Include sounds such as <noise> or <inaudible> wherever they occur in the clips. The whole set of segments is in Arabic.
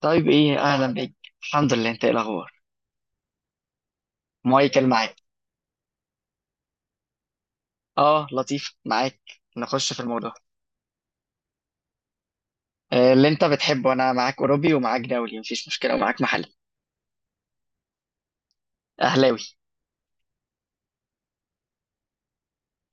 طيب ايه، اهلا بيك. الحمد لله، انت ايه الاخبار؟ مايكل معاك. اه لطيف، معاك. نخش في الموضوع. اللي انت بتحبه انا معاك، اوروبي ومعاك دولي مفيش مشكله، ومعاك محلي اهلاوي.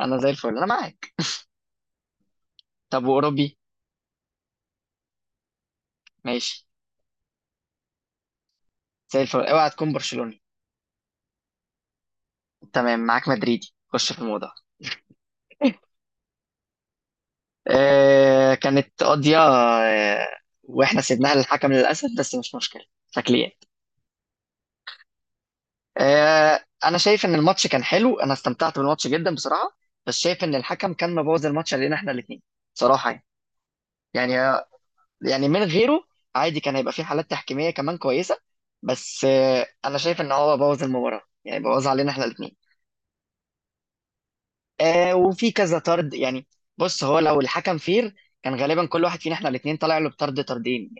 انا زي الفل، انا معاك. طب واوروبي؟ ماشي. زي الفل، اوعى تكون برشلوني. تمام معاك مدريدي، خش في الموضوع. آه كانت قضيه، واحنا سيبناها للحكم للاسف، بس مش مشكله شكليا. آه، انا شايف ان الماتش كان حلو، انا استمتعت بالماتش جدا بصراحه. بس شايف ان الحكم كان مبوظ الماتش علينا احنا الاثنين، صراحه يعني. يعني يعني من غيره عادي كان هيبقى في حالات تحكيميه كمان كويسه. بس انا شايف ان هو بوظ المباراه، يعني بوظ علينا احنا الاثنين. آه وفي كذا طرد يعني. بص هو لو الحكم فير كان غالبا كل واحد فينا احنا الاثنين طالع له بطرد طردين.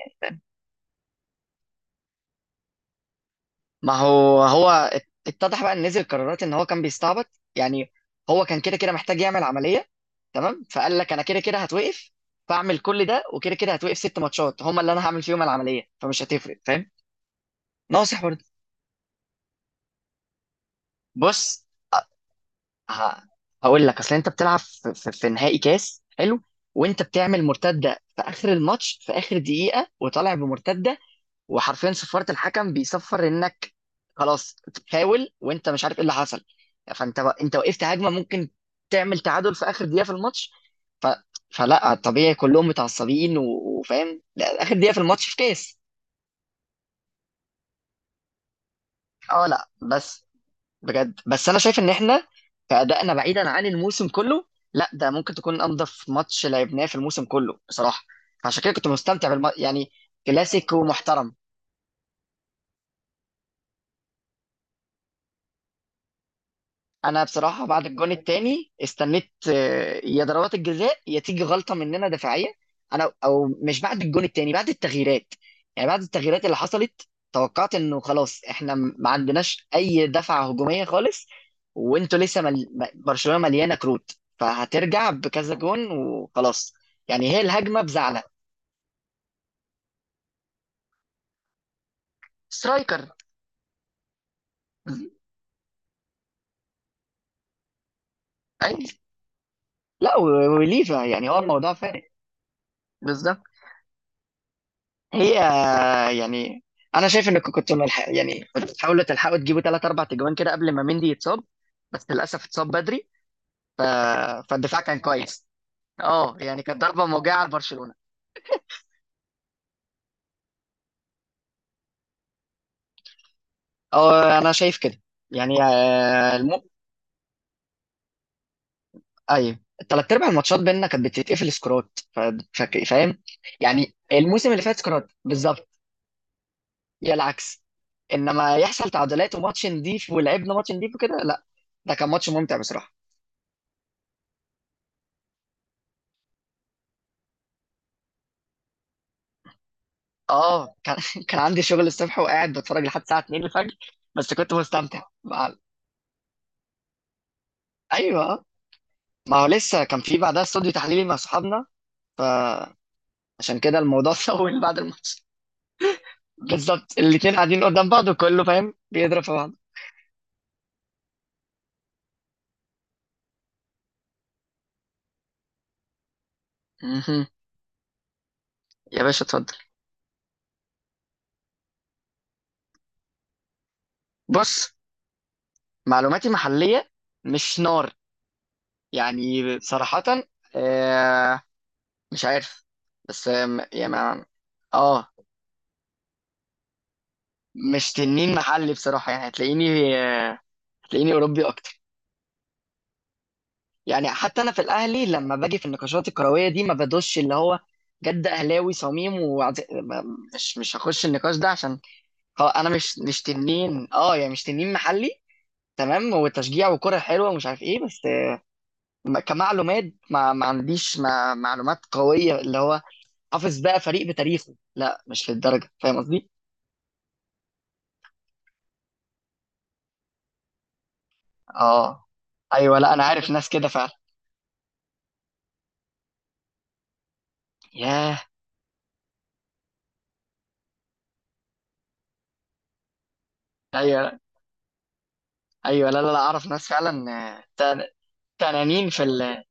ما هو اتضح بقى ان نزل قرارات ان هو كان بيستعبط يعني. هو كان كده كده محتاج يعمل عمليه، تمام؟ فقال لك انا كده كده هتوقف، فاعمل كل ده وكده كده هتوقف ست ماتشات هم اللي انا هعمل فيهم العمليه فمش هتفرق، فاهم؟ ناصح برضه. بص ه- هقول لك، اصل انت بتلعب في نهائي كاس حلو، وانت بتعمل مرتده في اخر الماتش في اخر دقيقه وطالع بمرتده، وحرفيا صفارة الحكم بيصفر انك خلاص تحاول وانت مش عارف ايه اللي حصل. انت وقفت هجمه ممكن تعمل تعادل في اخر دقيقه في الماتش. ف... فلا طبيعي كلهم متعصبين وفاهم لا، اخر دقيقه في الماتش في كاس. اه لا بس بجد، بس انا شايف ان احنا كأدائنا بعيدا عن الموسم كله، لا ده ممكن تكون انضف ماتش لعبناه في الموسم كله بصراحه. فعشان كده كنت مستمتع يعني. كلاسيكو محترم. انا بصراحه بعد الجون الثاني استنيت يا ضربات الجزاء يا تيجي غلطه مننا دفاعيه. انا او مش بعد الجون الثاني، بعد التغييرات. يعني بعد التغييرات اللي حصلت توقعت انه خلاص احنا ما عندناش اي دفعه هجوميه خالص، وانتوا لسه برشلونه مليانه كروت، فهترجع بكذا جون وخلاص. يعني هي الهجمه بزعلة سترايكر. أي... لا وليفا يعني، هو الموضوع فارق. بالظبط. هي يعني انا شايف انك كنت ملحق، يعني كنت تحاولوا تلحقوا تجيبوا ثلاث اربع تجوان كده قبل ما مندي يتصاب، بس للاسف اتصاب بدري. ف... فالدفاع كان كويس. اه يعني كانت ضربه موجعه لبرشلونه. اه انا شايف كده. يعني ايوه، الثلاث ارباع الماتشات بيننا كانت بتتقفل سكورات. فاهم؟ يعني الموسم اللي فات سكورات بالظبط، يا العكس. انما يحصل تعادلات وماتش نضيف ولعبنا ماتش نضيف وكده، لا ده كان ماتش ممتع بصراحه. اه كان <laughs> كان عندي شغل الصبح وقاعد بتفرج لحد الساعه 2 الفجر. بس كنت مستمتع ايوه. آه. ما هو لسه كان في بعدها استوديو تحليلي مع صحابنا، فعشان كده الموضوع <laughs> طول بعد الماتش. بالظبط، الاتنين قاعدين قدام بعض وكله فاهم بيضرب في بعض. مهم. يا باشا اتفضل. بص معلوماتي محليه مش نار، يعني صراحه. آه مش عارف. بس آه يعني اه مش تنين محلي بصراحه. يعني هتلاقيني هتلاقيني اوروبي اكتر. يعني حتى انا في الاهلي لما باجي في النقاشات الكرويه دي ما بدوش اللي هو جد اهلاوي صميم مش هخش النقاش ده، عشان خلاص انا مش تنين. اه يعني مش تنين محلي، تمام؟ وتشجيع وكره حلوه ومش عارف ايه، بس كمعلومات ما عنديش ما معلومات قويه اللي هو حافظ بقى فريق بتاريخه، لا مش للدرجه، فاهم قصدي؟ اه ايوه، لا انا عارف ناس كده فعلا. ياه ايوه ايوه، لا لا لا اعرف ناس فعلا. آه، تن- تنانين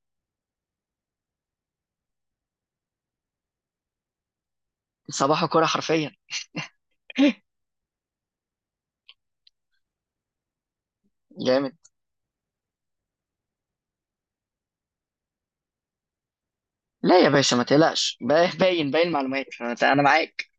صباح كوره حرفيا، جامد. لا يا باشا ما تقلقش، باين باين معلومات، أنا معاك.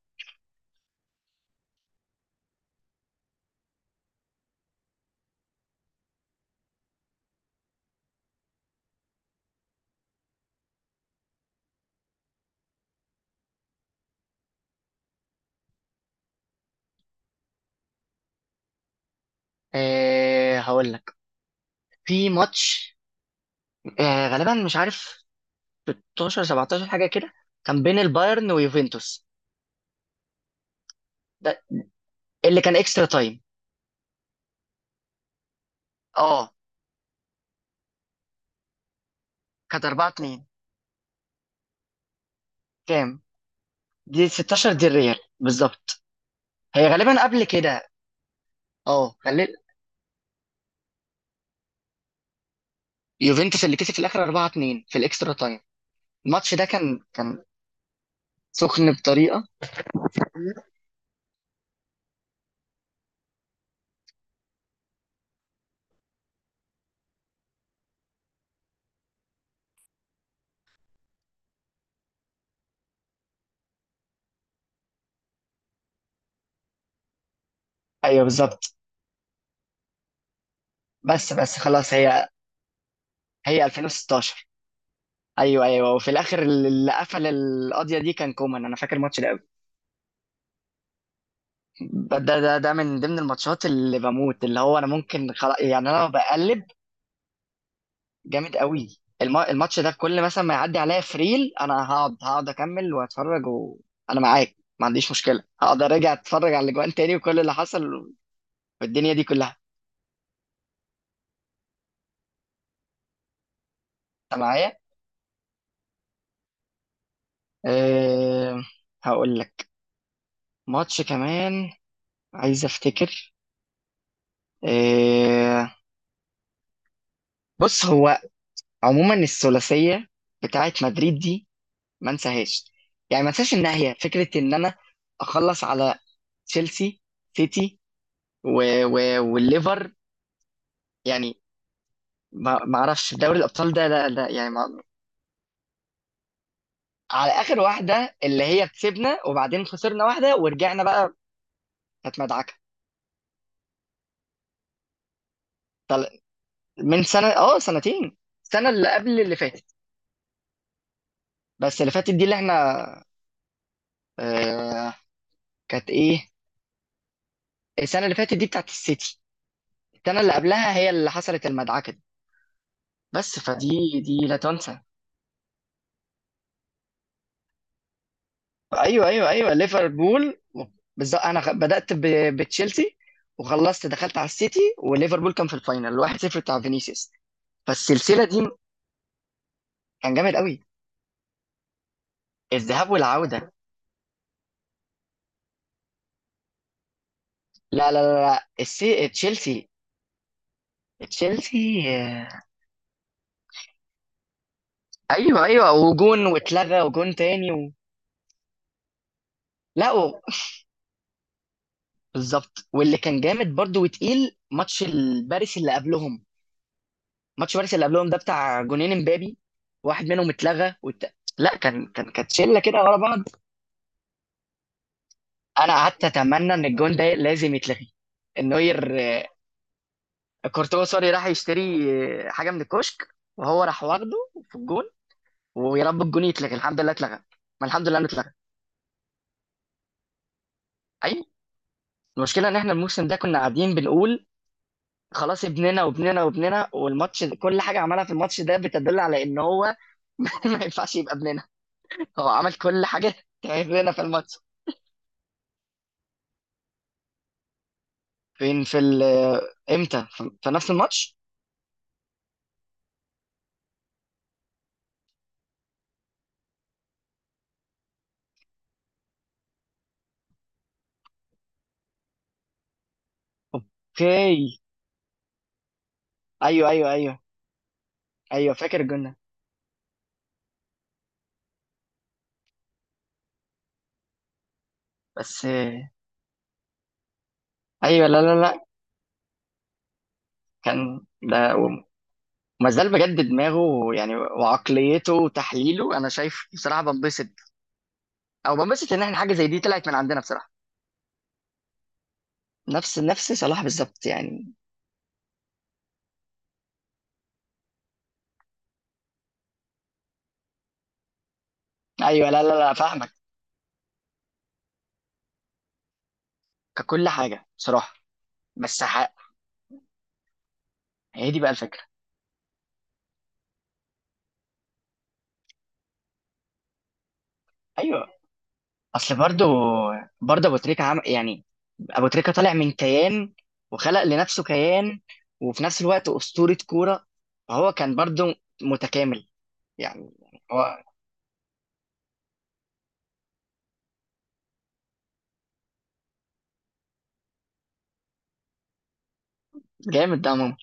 أه هقول لك، في ماتش أه غالبا مش عارف 16 17 حاجه كده، كان بين البايرن ويوفنتوس، ده اللي كان اكسترا تايم. اه كانت 4 2. كام؟ دي 16 دي الريال بالظبط؟ هي غالبا قبل كده. اه غالبا يوفنتوس اللي كسب في الاخر 4 2 في الاكسترا تايم. الماتش ده كان سخن بطريقه. ايوه بالظبط. بس خلاص، هي 2016. ايوه ايوه وفي الاخر اللي قفل القضيه دي كان كومان، انا فاكر الماتش ده قوي. ده من ضمن الماتشات اللي بموت، اللي هو انا ممكن خلاص يعني انا بقلب. جامد قوي. الماتش ده كل مثلا ما يعدي عليا فريل انا هقعد اكمل واتفرج، وانا معاك ما عنديش مشكله هقعد ارجع اتفرج على الاجوان تاني وكل اللي حصل والدنيا دي كلها. انت معايا. أه هقول لك ماتش كمان، عايز افتكر. أه بص، هو عموما الثلاثيه بتاعت مدريد دي ما انساهاش. يعني ما انساش انها، هي فكره ان انا اخلص على تشيلسي سيتي و... والليفر. يعني ما ما اعرفش دوري الابطال ده، لا يعني ما... على اخر واحده اللي هي كسبنا وبعدين خسرنا واحده ورجعنا بقى، كانت مدعكه. طل... من سنه اه سنتين، السنه اللي قبل اللي فاتت. بس اللي فاتت دي اللي احنا آه... كانت ايه؟ السنه اللي فاتت دي بتاعت السيتي. السنه اللي قبلها هي اللي حصلت المدعكه دي. بس فدي دي لا تنسى. ايوه ايوه ايوه ليفربول. بالظبط، انا بدات بتشيلسي وخلصت دخلت على السيتي، وليفربول كان في الفاينل الواحد صفر بتاع فينيسيوس. فالسلسله دي كان جامد قوي، الذهاب والعودة. لا تشيلسي. تشيلسي، ايوه ايوه، وجون واتلغى وجون تاني لا بالظبط. واللي كان جامد برضو وتقيل ماتش الباريس اللي قبلهم. ماتش باريس اللي قبلهم ده بتاع جونين امبابي، واحد منهم اتلغى لا كان كانت شله كده ورا بعض. انا قعدت اتمنى ان الجون ده لازم يتلغي، النوير كورتوا سوري راح يشتري حاجه من الكشك وهو راح واخده في الجون. ويا رب الجون يتلغي، الحمد لله اتلغى. ما الحمد لله انه اتلغى. اي، المشكله ان احنا الموسم ده كنا قاعدين بنقول خلاص ابننا وابننا وابننا، والماتش كل حاجه عملها في الماتش ده بتدل على ان هو <laughs> ما ينفعش يبقى ابننا. هو عمل كل حاجه، تعبنا في الماتش. فين في ال- امتى؟ في في نفس الماتش؟ اوكي. ايوه ايوه ايوه. ايوه فاكر الجون ده. بس ايوه لا لا لا، كان ده وما زال بجد دماغه يعني، وعقليته وتحليله انا شايف بصراحه، بنبسط او بنبسط ان احنا حاجه زي دي طلعت من عندنا بصراحه. نفس صلاح بالظبط يعني. ايوه لا لا لا فاهمك. ككل حاجه بصراحه. بس هي دي بقى الفكره. ايوه، اصل برضو، برضه ابو تريكه عمل يعني. ابو تريكة طالع من كيان وخلق لنفسه كيان، وفي نفس الوقت اسطوره كوره، فهو كان برضو متكامل يعني. هو جامد ده ماما.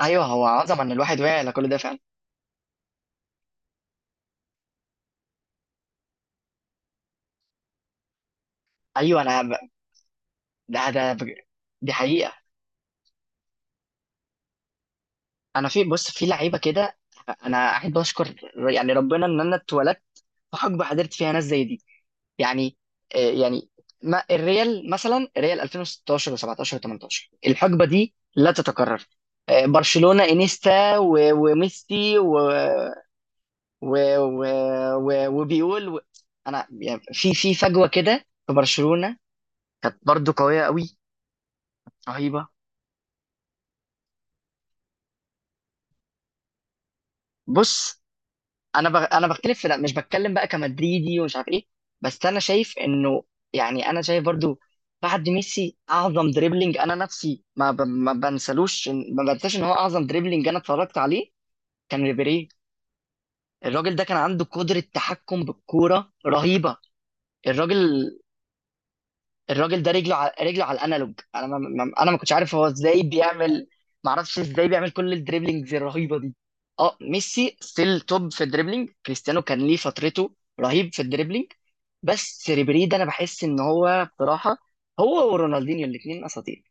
ايوه هو عظمه ان الواحد وعي على كل ده فعلا. ايوه انا ب... ده ده ب... دي حقيقه. انا في، بص في لعيبه كده، انا احب اشكر يعني ربنا ان انا اتولدت في حقبه حضرت فيها ناس زي دي. يعني يعني ما الريال مثلا، الريال 2016 و17 و18 الحقبه دي لا تتكرر. برشلونه انيستا وميسي و و و و وبيقول انا يعني، في في فجوه كده في برشلونه كانت برضو قويه قوي، رهيبه. بص انا انا بختلف في، لا مش بتكلم بقى كمدريدي ومش عارف ايه، بس انا شايف انه يعني انا شايف برضو بعد ميسي اعظم دريبلينج انا نفسي ما بنسلوش ما بنساش ان هو اعظم دريبلينج انا اتفرجت عليه كان ريبيري. الراجل ده كان عنده قدرة تحكم بالكورة رهيبة. الراجل الراجل ده رجله على رجله على الانالوج انا ما... ما... انا ما كنتش عارف هو ازاي بيعمل، ما اعرفش ازاي بيعمل كل الدريبلينجز الرهيبه دي. اه ميسي ستيل توب في الدريبلينج، كريستيانو كان ليه فترته رهيب في الدريبلينج. بس ريبيري ده انا بحس ان هو بصراحه هو ورونالدينيو الاثنين اساطير.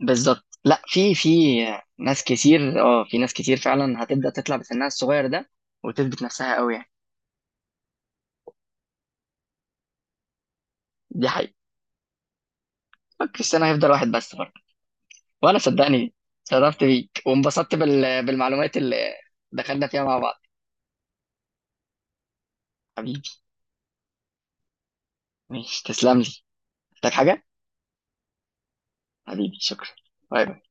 بالظبط، لا في في ناس كتير، اه في ناس كتير فعلا هتبدا تطلع بسنها الصغير ده وتثبت نفسها قوي يعني. دي حقيقه. كريستيانو هيفضل واحد بس. وانا صدقني شرفت بيك، وانبسطت بالمعلومات اللي دخلنا فيها مع بعض. حبيبي، ماشي تسلم لي، محتاج حاجة؟ حبيبي شكرا، باي باي.